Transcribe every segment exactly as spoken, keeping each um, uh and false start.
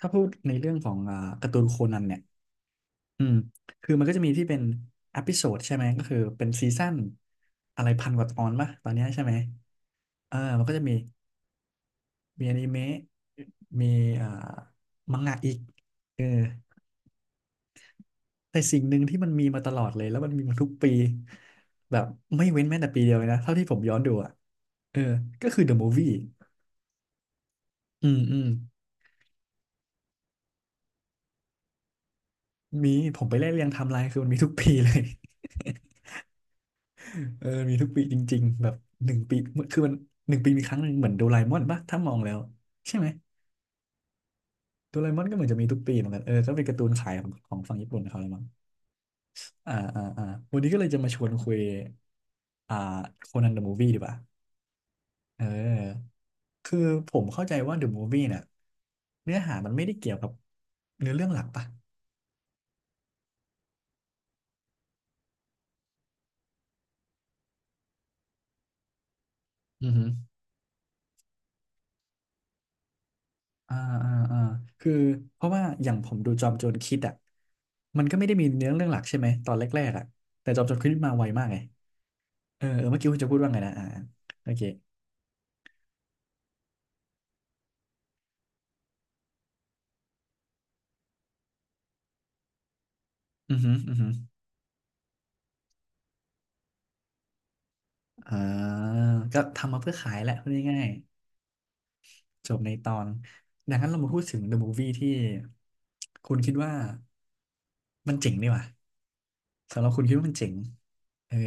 ถ้าพูดในเรื่องของอ่าการ์ตูนโคนันเนี่ยอืมคือมันก็จะมีที่เป็นอ p พิโซดใช่ไหมก็คือเป็นซีซั่นอะไรพันกว่าตอนป่ะตอนเนี้ยใช่ไหมเออมันก็จะมีมีอนิเมะมีอ่ามังงะอีกเออแต่สิ่งหนึ่งที่มันมีมาตลอดเลย แล้วมันมีมาทุกปี แบบไม่เว้นแม้แต่ปีเดียวเลยนะ เท่าที่ผมย้อนดูอ่ะเออก็คือ The Movie อืมอืมมีผมไปไล่เรียงไทม์ไลน์คือมันมีทุกปีเลย เออ มีทุกปีจริงๆ แบบหนึ่งปี คือมันหนึ่งปีมีครั้งหนึ่งเหมือนโดราเอมอนป่ะถ้ามองแล้วใช่ไหมโดราเอมอนก็เหมือนจะมีทุกปีเหมือนกัน เออก็เป็นการ์ตูนขายของของฝั่งญี่ปุ่นเขาเลยมั้งอ่า อ่า อ่า วันนี้ก็เลยจะมาชวนคุย อ่าโคนันเดอะมูฟวี่ดีกว่าเออ คือผมเข้าใจว่าเดอะมูฟวี่เนี่ยเนื้อหามันไม่ได้เกี่ยวกับเนื้อเรื่องหลักป่ะอือฮึอ่าอ่าอ่าคือเพราะว่าอย่างผมดูจอมโจรคิดอ่ะมันก็ไม่ได้มีเนื้อเรื่องหลักใช่ไหมตอนแรกๆอ่ะแต่จอมโจรคิดมาไวมากไง เออเออเมื่อกี้คุณจะพูดว่าไงนะอ่าโอเคอือหืออือหืออ่าก็ทำมาเพื่อขายแหละพูดง่ายๆจบในตอนดังนั้นเรามาพูดถึง The Movie ที่คุณคิดว่ามันเจ๋งดีว่ะสำหรับคุณคิดว่ามันเจ๋งเออ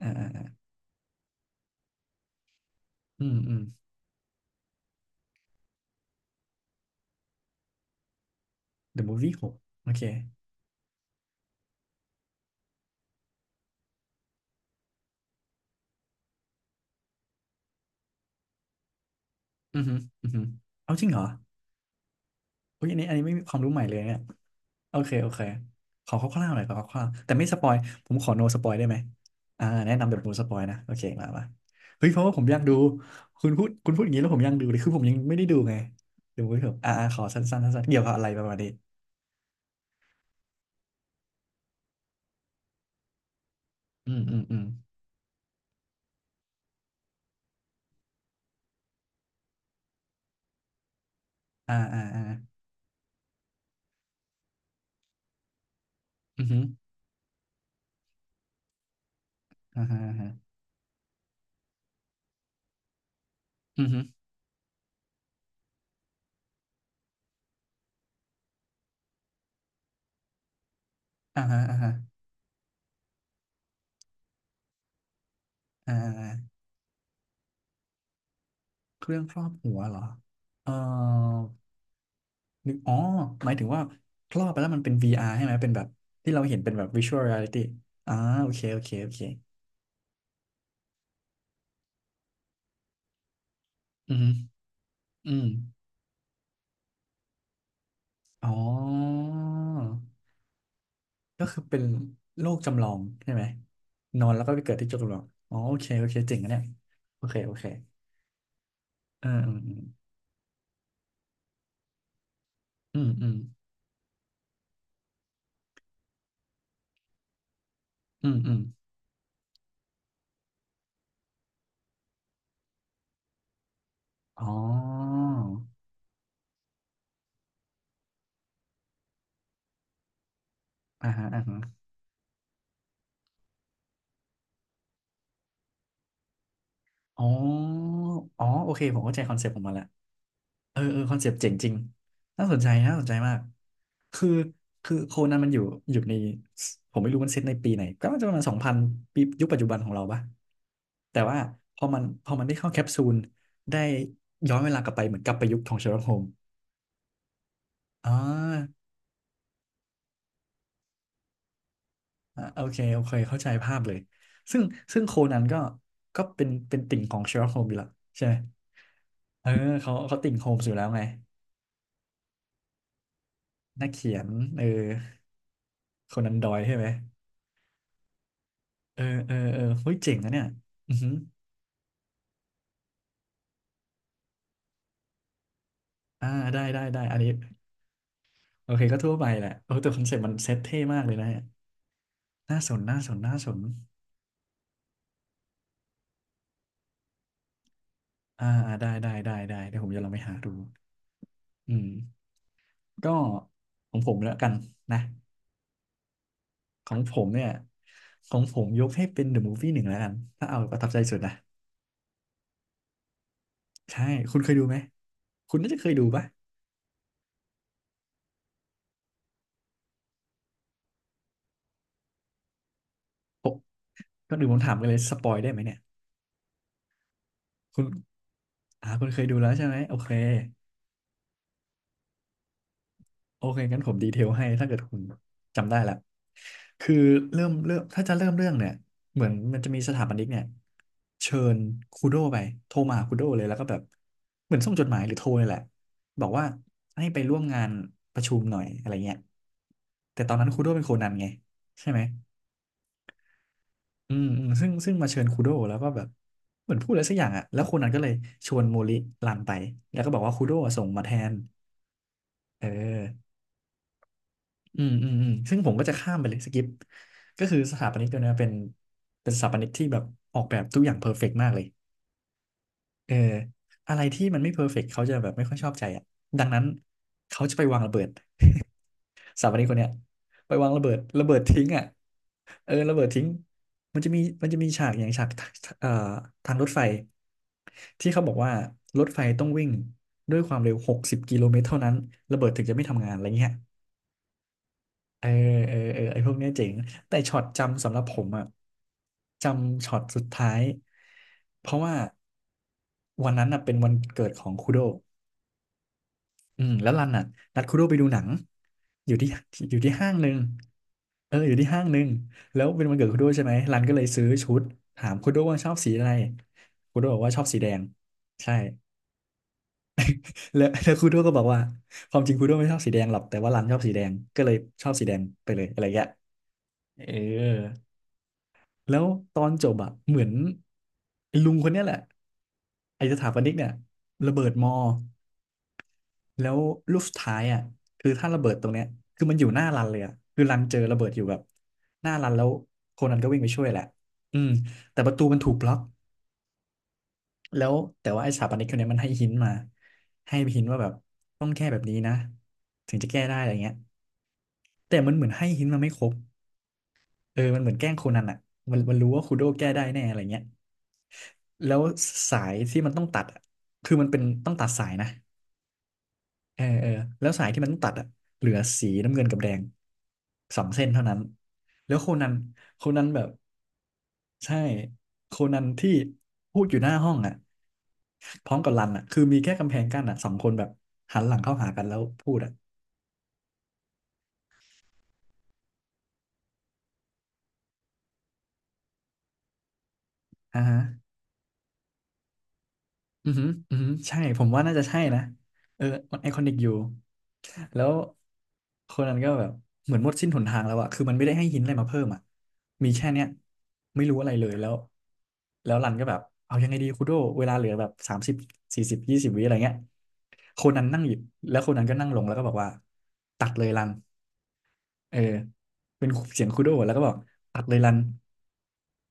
อ่าอ่าอ่าอืมอืม The Movie หกโอเคอือหืออือหือเอาจริงเหรอโอ้ยอันนี้อันนี้ไม่มีความรู้ใหม่เลยเนี่ย โอเคโอเค ขอคร่าวๆหน่อยขอคร่าวๆแต่ไม่สปอยผมขอโนสปอยได้ไหมอ่าแนะนำแบบโนสปอยนะโอเคมามาเฮ้ยเพราะว่าผมอยากดูคุณพูดคุณพูดอย่างนี้แล้วผมอยากดูเลยคือผมยังไม่ได้ดูไงเดี๋ยวไว้เถอะอ่าอ่าขอสั้นๆสั้นๆเกี่ยวกับอะไรประมาณนี้อืมอืมอืมอ่าอ่าอ่าอือฮึอ่าฮะอ่าฮะอือฮึอ่าฮะอ่าฮะอ่าอ่าเครื่องครอบหัวเหรอเอ่อนึกอ๋อหมายถึงว่าครอบไปแล้วมันเป็น วี อาร์ ใช่ไหม เป็นแบบที่เราเห็นเป็นแบบ Visual Reality อ่าโอเคโอเคโอเค อืม อืม อ๋อ ก็คือเป็นโลกจำลองใช่ไหม นอนแล้วก็ไปเกิดที่โลกจำลองอ๋อโอเคโอเคเจ๋งอะเนี่ย โอเคโอเคเอออืมอืม อืม อืม อืม อ๋ออ่าฮะอ่าฮะอ๋ออ๋อ โอเค ผมเข้าใจคอนเซ็ปต์ของมันละ เออเออคอนเซปต์เจ๋งจริงน่าสนใจน่าสนใจมากคือคือโคนันมันอยู่อยู่ในผมไม่รู้มันเซตในปีไหนก็น่าจะประมาณสองพันปียุคปัจจุบันของเราปะแต่ว่าพอมันพอมันได้เข้าแคปซูลได้ย้อนเวลากลับไปเหมือนกลับไปยุคของเชอร์ล็อกโฮมอ๋ออ่าโอเคโอเคเข้าใจภาพเลยซึ่งซึ่งโคนันก็ก็เป็นเป็นติ่งของเชอร์ล็อกโฮมอยู่และใช่ไหมเออเขาเขาติ่งโฮมส์อยู่แล้วไงนักเขียนเออโคนันดอยล์ใช่ไหม เออเออเออเฮ้ยเจ๋งนะเนี่ยอือหืออ่าได้ได้ได้อันนี้โอเคก็ทั่วไปแหละโอ้แต่คอนเซ็ปต์มันเซ็ตเท่มากเลยนะเนี่ยน่าสนน่าสนน่าสนอ่าอ่าได้ได้ได้ได้เดี๋ยวผมจะลองไปหาดูอืมก็ของผมแล้วกันนะของผมเนี่ยของผมยกให้เป็น The Movie หนึ่งแล้วกันถ้าเอาประทับใจสุดนะใช่คุณเคยดูไหมคุณน่าจะเคยดูปะโอ้ก็ดูผมถามกันเลยสปอยได้ไหมเนี่ยคุณอ่าคุณเคยดูแล้วใช่ไหมโอเค โอเคงั้นผมดีเทลให้ถ้าเกิดคุณจำได้ละคือเริ่มเริ่มถ้าจะเริ่มเรื่องเนี่ยเหมือนมันจะมีสถาปนิกเนี่ยเชิญคูโดไปโทรมาหาคูโดเลยแล้วก็แบบเหมือนส่งจดหมายหรือโทรเลยแหละบอกว่าให้ไปร่วมงานประชุมหน่อยอะไรเงี้ยแต่ตอนนั้นคูโดเป็นโคนันไงใช่ไหมอืมอืมซึ่งซึ่งมาเชิญคูโดแล้วก็แบบเหมือนพูดอะไรสักอย่างอ่ะแล้วคนนั้นก็เลยชวนโมริรันไปแล้วก็บอกว่าคูโดอะส่งมาแทนเออ อืมอืมอืมซึ่งผมก็จะข้ามไปเลยสกิปก็คือสถาปนิกตัวเนี้ยเป็นเป็นสถาปนิกที่แบบออกแบบทุกอย่างเพอร์เฟกต์มากเลยเอออะไรที่มันไม่เพอร์เฟกต์เขาจะแบบไม่ค่อยชอบใจอ่ะดังนั้นเขาจะไปวางระเบิด สถาปนิกคนเนี้ยไปวางระเบิดระเบิดทิ้งอ่ะเออระเบิดทิ้งมันจะมีมันจะมีฉากอย่างฉากเอ่อทางรถไฟที่เขาบอกว่ารถไฟต้องวิ่งด้วยความเร็วหกสิบกิโลเมตรเท่านั้นระเบิดถึงจะไม่ทำงานอะไรเงี้ย เออเออเออไอ้พวกเนี้ยเจ๋งแต่ช็อตจำสำหรับผมอะจำช็อตสุดท้ายเพราะว่าวันนั้นอะเป็นวันเกิดของคุโดอืมแล้วรันอะนัดคุโดไปดูหนังอยู่ที่อยู่ที่ห้างหนึ่งเอออยู่ที่ห้างหนึ่งแล้วเป็นวันเกิดคุโดใช่ไหมรันก็เลยซื้อชุดถามคุโดว่าชอบสีอะไรคุโดบอกว่าชอบสีแดงใช่แล้ว แล้วคุโดก็บอกว่าความจริงคุโดไม่ชอบสีแดงหรอกแต่ว่ารันชอบสีแดงก็เลยชอบสีแดงไปเลยอะไรเงี้ยเออ แล้วตอนจบอะเหมือนไอ้ลุงคนเนี้ยแหละไอ้สถาปนิกเนี่ยระเบิดมอแล้วลูกสุดท้ายอะคือถ้าระเบิดตรงเนี้ยคือมันอยู่หน้ารันเลยอะคือรันเจอระเบิดอยู่แบบหน้ารันแล้วโคนันก็วิ่งไปช่วยแหละอืมแต่ประตูมันถูกบล็อกแล้วแต่ว่าไอ้สถาปนิกคนเนี้ยมันให้หินมาให้หินว่าแบบต้องแก้แบบนี้นะถึงจะแก้ได้อะไรเงี้ยแต่มันเหมือนให้หินมาไม่ครบเออมันเหมือนแกล้งโคนันอ่ะมันมันรู้ว่าคูโดแก้ได้แน่อะไรเงี้ย แล้วสายที่มันต้องตัดอะคือมันเป็นต้องตัดสายนะเออเออแล้วสายที่มันต้องตัดอะเหลือสีน้ำเงินกับแดงสองเส้นเท่านั้นแล้วโคนันโคนันแบบใช่โคนันที่พูดอยู่หน้าห้องอ่ะพร้อมกับรันอ่ะคือมีแค่กำแพงกั้นอ่ะสองคนแบบหันหลังเข้าหากันแล้วพูดอ่ะอ่าฮะ อือหืออือหือใช่ผมว่าน่าจะใช่นะเออมันไอคอนิกอยู่แล้วคนนั้นก็แบบเหมือนหมดสิ้นหนทางแล้วอะคือมันไม่ได้ให้หินอะไรมาเพิ่มอะมีแค่เนี้ย ไม่รู้อะไรเลยแล้ว แล้วรันก็แบบเอายังไงดีคูโดเวลาเหลือแบบสามสิบสี่สิบยี่สิบวิอะไรเงี้ยคนนั้นนั่งหยิบแล้วคนนั้นก็นั่งลงแล้วก็บอกว่าตัดเลยรัน เออ เป็นเสียงคูโดแล้วก็บอกตัดเลยรัน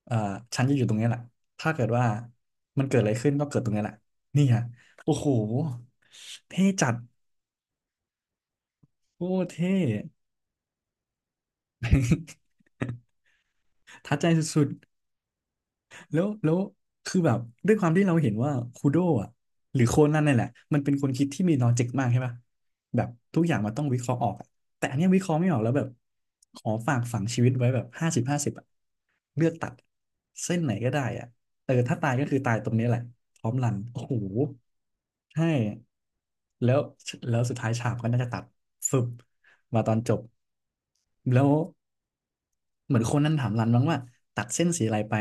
เอ่อฉันจะอยู่ตรงเนี้ยแหละถ้าเกิดว่ามันเกิดอะไรขึ้นก็เกิดตรงเนี้ยแหละนี่ฮะโอ้โห เท่จัด โอ้เท่ ทัดใจสุด แล้ว แล้ว คือแบบ ด้วยความที่เราเห็นว่าคูโดะอ่ะหรือโคนันนี่นแหละ มันเป็นคนคิดที่มีลอจิกมากใช่ปะแบบ ทุกอย่างมันต้องวิเคราะห์ออกอะแต่อันเนี้ยวิเคราะห์ไม่ออกแล้วแบบ ขอฝากฝังชีวิตไว้แบบห้าสิบห้าสิบอ่ะเลือกตัด เส้นไหนก็ได้อ่ะเออถ้าตายก็คือตายตรงนี้แหละพร้อมรัน โอ้โหใช่แล้วแล้วสุดท้ายฉากก็น่าจะตัดฟึบมาตอนจบแล้วเหมือนคนนั้นถามรันบ้างว่าตัดเส้นสีอะไรไป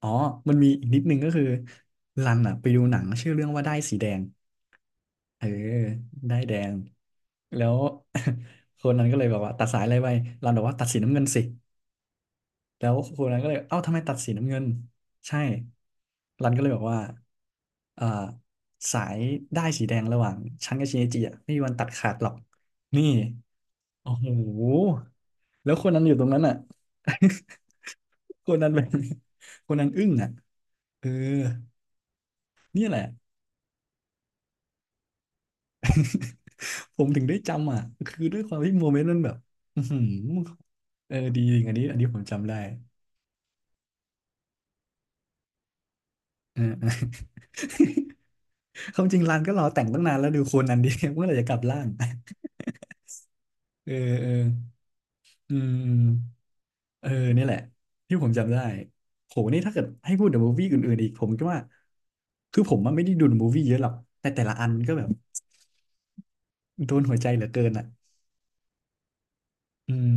อ๋อมันมีอีกนิดนึงก็คือรันอ่ะไปดูหนังชื่อเรื่องว่าได้ายสีแดงเออได้ายแดงแล้ว คนนั้นก็เลยบอกว่าตัดสายอะไรไปรันบอกว่าตัดสีน้ำเงินสิแล้วคนนั้นก็เลยเอ้าทำไมตัดสีน้ำเงินใช่รันก็เลยบอกว่าเอ่อสายได้ายสีแดงระหว่างฉันกับชินจิอ่ะไม่มีวันตัดขาดหรอกนี่โอ้โหแล้วคนนั้นอยู่ตรงนั้นอ่ะ คนนั้นแบบคนนั้นอึ้งอ่ะเออ เนี่ยแหละ ผมถึงได้จำอ่ะคือด้วยความที่โมเมนต์มันแบบอือหือเออดีจริงอันนี้อันนี้ผมจำได้เออ เออ ความจริงร้านก็รอแต่งตั้งนานแล้วดูโคนนั้นดี เมื่อไหร่จะกลับร่าง เออเอออืมอืมเออนี่แหละที่ผมจำได้โหนี่ถ้าเกิดให้พูดถึงมูฟวี่อื่นๆอีกผมก็ว่าคือผมมันไม่ได้ดูมูฟวี่เยอะหรอกแต่แต่ละอันันก็แบบโดนหัวใจเหลือเกินอ่ะอืม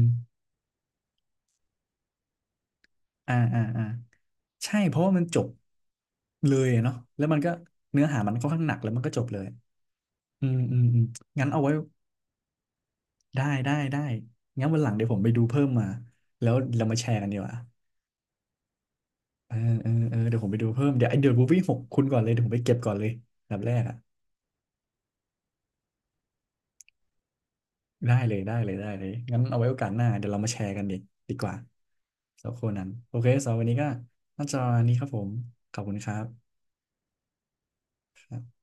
อ่าอ่าอ่า ใช่เพราะว่ามันจบเลยอะเนาะแล้วมันก็เนื้อหามันค่อนข้างหนักแล้วมันก็จบเลยอืมอืมอืมงั้นเอาไว้ได้ได้ได้งั้นวันหลังเดี๋ยวผมไปดูเพิ่มมาแล้วเรามาแชร์กันดีกว่าเออเออเออเดี๋ยวผมไปดูเพิ่มเดี๋ยวไอเดอะมูฟวี่หกคุณก่อนเลยเดี๋ยวผมไปเก็บก่อนเลยอันดับแรกอ่ะได้เลยได้เลยได้เลยงั้นเอาไว้โอกาสหน้าเดี๋ยวเรามาแชร์กันดีดีกว่าสำหรับคนนั้นโอเคสำหรับวันนี้ก็น่าจะวันนี้ครับผมขอบคุณครับครับ